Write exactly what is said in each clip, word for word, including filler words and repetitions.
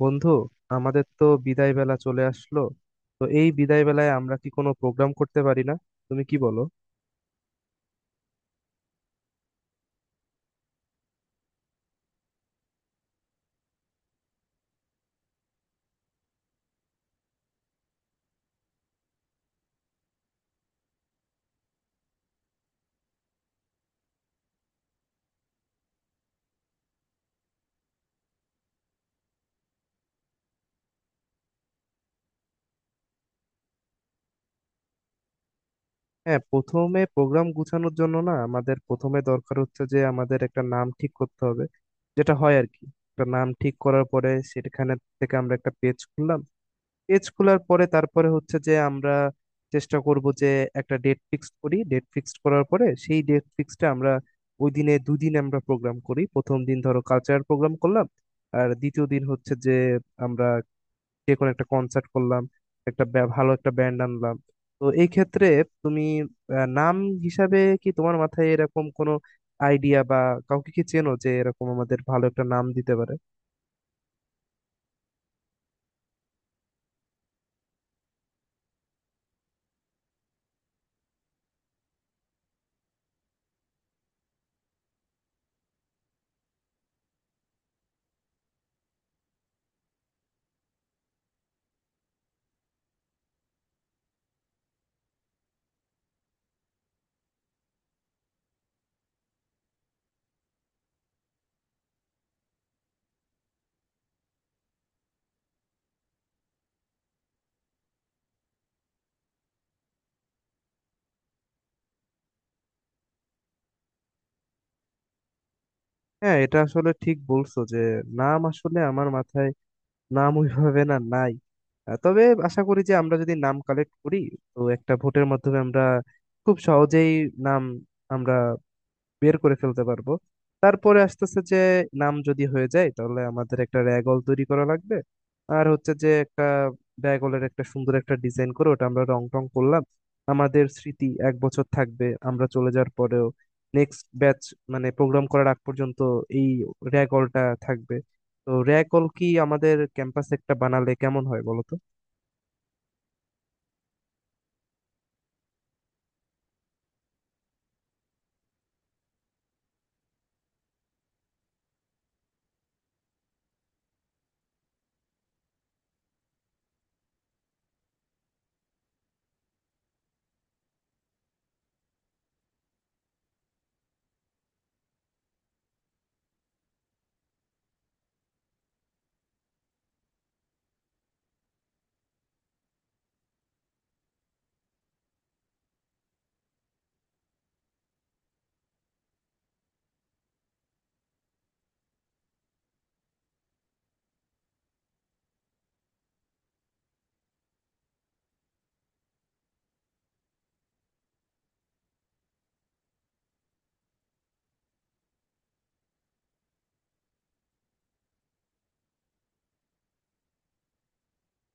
বন্ধু, আমাদের তো বিদায় বেলা চলে আসলো। তো এই বিদায় বেলায় আমরা কি কোনো প্রোগ্রাম করতে পারি না? তুমি কি বলো? হ্যাঁ, প্রথমে প্রোগ্রাম গুছানোর জন্য না আমাদের প্রথমে দরকার হচ্ছে যে আমাদের একটা নাম ঠিক করতে হবে, যেটা হয় আর কি। একটা নাম ঠিক করার পরে সেখানে থেকে আমরা একটা পেজ খুললাম। পেজ খোলার পরে তারপরে হচ্ছে যে আমরা চেষ্টা করব যে একটা ডেট ফিক্সড করি। ডেট ফিক্সড করার পরে সেই ডেট ফিক্সডটা আমরা ওই দিনে, দুদিন আমরা প্রোগ্রাম করি। প্রথম দিন ধরো কালচারাল প্রোগ্রাম করলাম, আর দ্বিতীয় দিন হচ্ছে যে আমরা যে কোনো একটা কনসার্ট করলাম, একটা ব্যা- ভালো একটা ব্যান্ড আনলাম। তো এই ক্ষেত্রে তুমি আহ, নাম হিসাবে কি তোমার মাথায় এরকম কোনো আইডিয়া বা কাউকে কি চেনো যে এরকম আমাদের ভালো একটা নাম দিতে পারে? হ্যাঁ, এটা আসলে ঠিক বলছো যে নাম আসলে আমার মাথায় নাম ওইভাবে না নাই। আহ, তবে আশা করি যে আমরা যদি নাম কালেক্ট করি তো একটা ভোটের মাধ্যমে আমরা খুব সহজেই নাম আমরা বের করে ফেলতে পারবো। তারপরে আসতেছে যে নাম যদি হয়ে যায় তাহলে আমাদের একটা র্যাগল তৈরি করা লাগবে। আর হচ্ছে যে একটা র্যাগলের একটা সুন্দর একটা ডিজাইন করে ওটা আমরা রং টং করলাম, আমাদের স্মৃতি এক বছর থাকবে আমরা চলে যাওয়ার পরেও। নেক্সট ব্যাচ, মানে প্রোগ্রাম করার আগ পর্যন্ত এই র্যাগলটা থাকবে। তো র্যাগল কি আমাদের ক্যাম্পাসে একটা বানালে কেমন হয় বলো তো?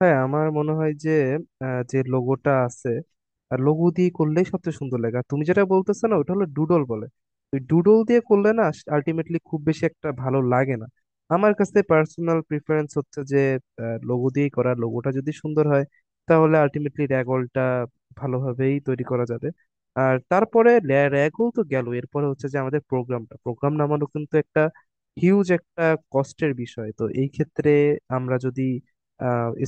হ্যাঁ, আমার মনে হয় যে আহ, যে লোগোটা আছে, লোগো দিয়ে করলেই সবচেয়ে সুন্দর লাগে। আর তুমি যেটা বলতেছো না, ওটা হলো ডুডল বলে। ওই ডুডল দিয়ে করলে না আলটিমেটলি খুব বেশি একটা ভালো লাগে না। আমার কাছে পার্সোনাল প্রিফারেন্স হচ্ছে যে লোগো দিয়েই করা, লোগোটা যদি সুন্দর হয় তাহলে আলটিমেটলি র্যাগলটা ভালোভাবেই তৈরি করা যাবে। আর তারপরে র্যাগল তো গেল, এরপরে হচ্ছে যে আমাদের প্রোগ্রামটা, প্রোগ্রাম নামানো কিন্তু একটা হিউজ একটা কষ্টের বিষয়। তো এই ক্ষেত্রে আমরা যদি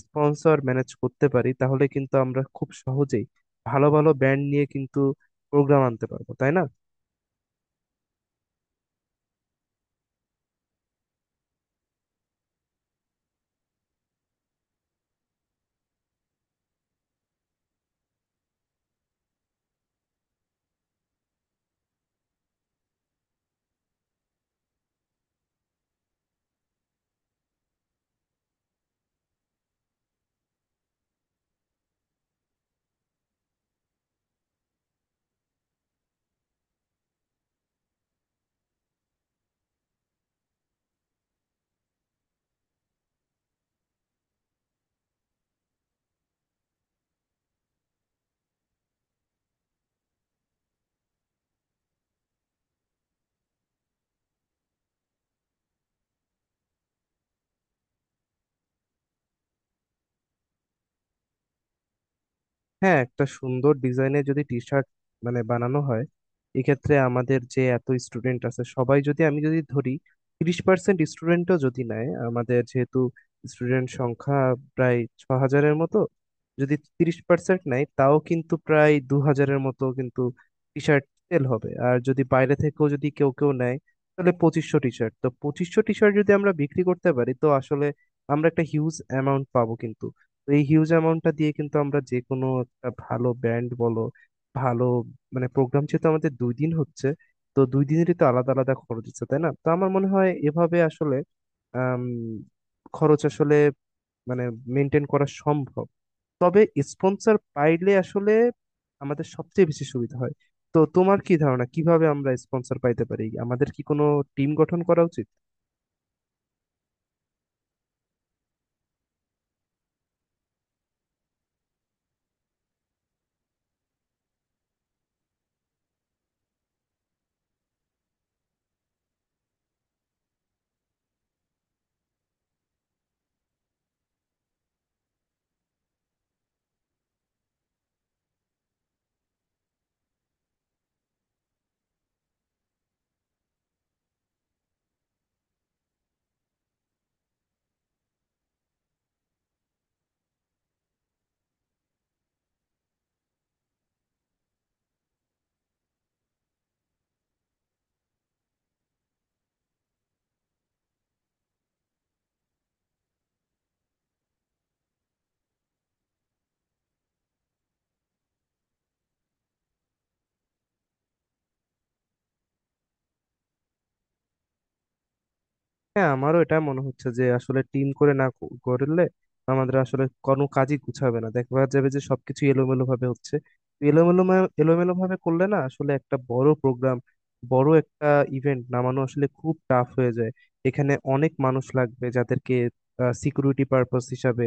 স্পন্সর ম্যানেজ করতে পারি তাহলে কিন্তু আমরা খুব সহজেই ভালো ভালো ব্যান্ড নিয়ে কিন্তু প্রোগ্রাম আনতে পারবো, তাই না? হ্যাঁ, একটা সুন্দর ডিজাইনের যদি টি শার্ট মানে বানানো হয়, এক্ষেত্রে আমাদের যে এত স্টুডেন্ট আছে সবাই যদি, আমি যদি ধরি তিরিশ পার্সেন্ট স্টুডেন্টও যদি নেয়, আমাদের যেহেতু স্টুডেন্ট সংখ্যা প্রায় ছ হাজারের মতো, যদি তিরিশ পার্সেন্ট নেয় তাও কিন্তু প্রায় দু হাজারের মতো কিন্তু টি শার্ট সেল হবে। আর যদি বাইরে থেকেও যদি কেউ কেউ নেয় তাহলে পঁচিশশো টি শার্ট, তো পঁচিশশো টি শার্ট যদি আমরা বিক্রি করতে পারি তো আসলে আমরা একটা হিউজ অ্যামাউন্ট পাবো কিন্তু। তো এই হিউজ অ্যামাউন্টটা দিয়ে কিন্তু আমরা যে কোনো একটা ভালো ব্যান্ড বলো, ভালো মানে প্রোগ্রাম যেহেতু আমাদের দুই দিন হচ্ছে, তো দুই দিনেরই তো আলাদা আলাদা খরচ হচ্ছে, তাই না? তো আমার মনে হয় এভাবে আসলে আম, খরচ আসলে মানে মেনটেন করা সম্ভব। তবে স্পন্সর পাইলে আসলে আমাদের সবচেয়ে বেশি সুবিধা হয়। তো তোমার কি ধারণা, কিভাবে আমরা স্পন্সর পাইতে পারি? আমাদের কি কোনো টিম গঠন করা উচিত? হ্যাঁ, আমারও এটা মনে হচ্ছে যে আসলে টিম করে না ক- করলে আমাদের আসলে কোনো কাজই গুছাবে না, দেখা যাবে যে সবকিছু এলোমেলো ভাবে হচ্ছে। এলোমেলো মা- এলোমেলো ভাবে করলে না আসলে একটা বড় প্রোগ্রাম, বড় একটা ইভেন্ট নামানো আসলে খুব টাফ হয়ে যায়। এখানে অনেক মানুষ লাগবে, যাদেরকে সিকিউরিটি পারপাস হিসাবে,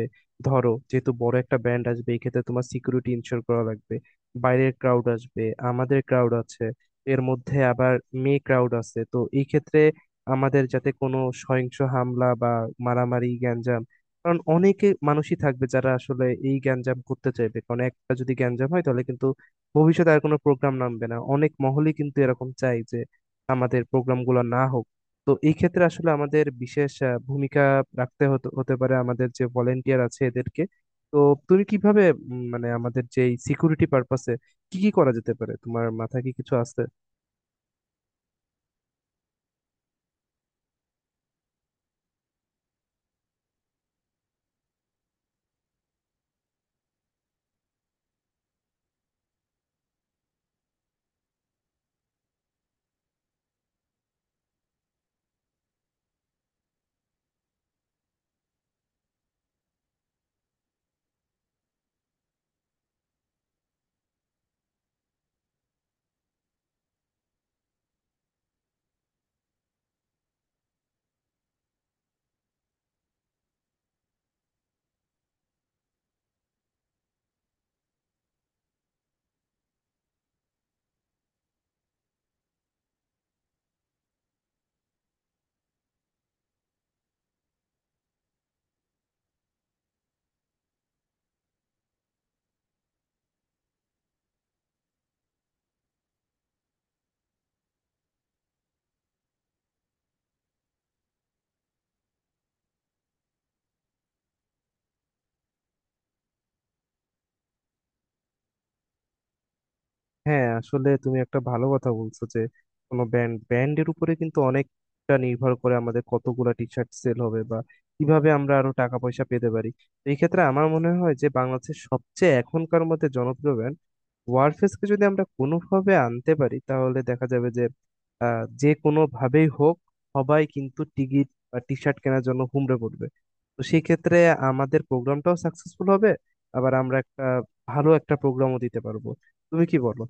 ধরো যেহেতু বড় একটা ব্যান্ড আসবে এই ক্ষেত্রে তোমার সিকিউরিটি ইনশিওর করা লাগবে। বাইরের ক্রাউড আসবে, আমাদের ক্রাউড আছে, এর মধ্যে আবার মেয়ে ক্রাউড আছে। তো এই ক্ষেত্রে আমাদের যাতে কোনো সহিংস হামলা বা মারামারি, গ্যাঞ্জাম, কারণ অনেকে মানুষই থাকবে যারা আসলে এই গ্যাঞ্জাম করতে চাইবে। কারণ একটা যদি গ্যাঞ্জাম হয় তাহলে কিন্তু ভবিষ্যতে আর কোনো প্রোগ্রাম নামবে না। অনেক মহলই কিন্তু এরকম চাই যে আমাদের প্রোগ্রামগুলো না হোক। তো এই ক্ষেত্রে আসলে আমাদের বিশেষ আহ, ভূমিকা রাখতে হতে হতে পারে, আমাদের যে ভলেন্টিয়ার আছে এদেরকে। তো তুমি কিভাবে উম, মানে আমাদের যে সিকিউরিটি পারপাসে কি কি করা যেতে পারে, তোমার মাথায় কি কিছু আসছে? হ্যাঁ, আসলে তুমি একটা ভালো কথা বলছো যে কোনো ব্র্যান্ড, ব্র্যান্ডের উপরে কিন্তু অনেকটা নির্ভর করে আমাদের কতগুলা টি শার্ট সেল হবে বা কিভাবে আমরা আরো টাকা পয়সা পেতে পারি। তো এই ক্ষেত্রে আমার মনে হয় যে বাংলাদেশের সবচেয়ে এখনকার মধ্যে জনপ্রিয় ব্র্যান্ড ওয়ারফেসকে যদি আমরা কোনোভাবে আনতে পারি তাহলে দেখা যাবে যে আহ যে কোনো ভাবেই হোক সবাই কিন্তু টিকিট বা টি শার্ট কেনার জন্য হুমড়ে পড়বে। তো সেই ক্ষেত্রে আমাদের প্রোগ্রামটাও সাকসেসফুল হবে, আবার আমরা একটা ভালো একটা প্রোগ্রামও দিতে পারবো। তুমি কি বলো?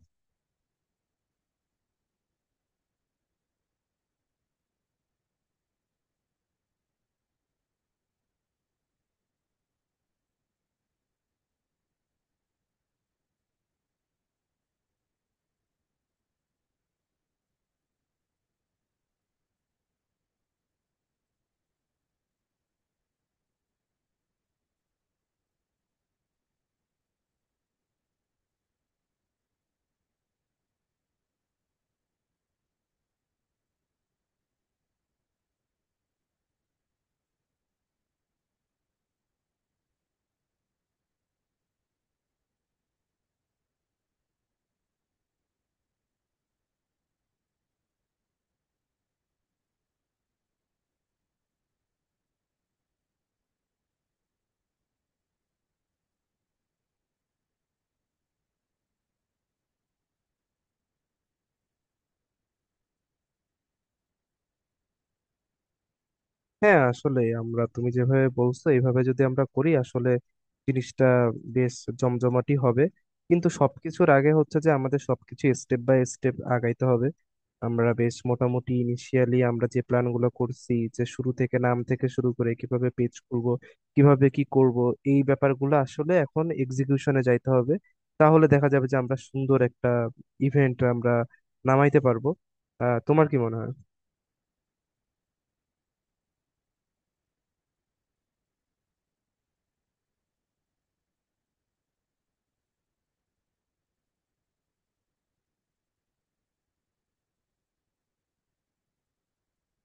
হ্যাঁ, আসলে আমরা, তুমি যেভাবে বলছো এইভাবে যদি আমরা করি আসলে জিনিসটা বেশ জমজমাটি হবে। কিন্তু সবকিছুর আগে হচ্ছে যে আমাদের সবকিছু স্টেপ বাই স্টেপ আগাইতে হবে। আমরা বেশ মোটামুটি ইনিশিয়ালি আমরা যে প্ল্যানগুলো করছি, যে শুরু থেকে নাম থেকে শুরু করে কিভাবে পেজ করব, কিভাবে কি করব, এই ব্যাপারগুলো আসলে এখন এক্সিকিউশনে যাইতে হবে। তাহলে দেখা যাবে যে আমরা সুন্দর একটা ইভেন্ট আমরা নামাইতে পারবো। আহ তোমার কি মনে হয়?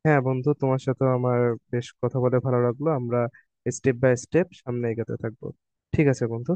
হ্যাঁ বন্ধু, তোমার সাথে আমার বেশ কথা বলে ভালো লাগলো। আমরা স্টেপ বাই স্টেপ সামনে এগোতে থাকবো। ঠিক আছে বন্ধু।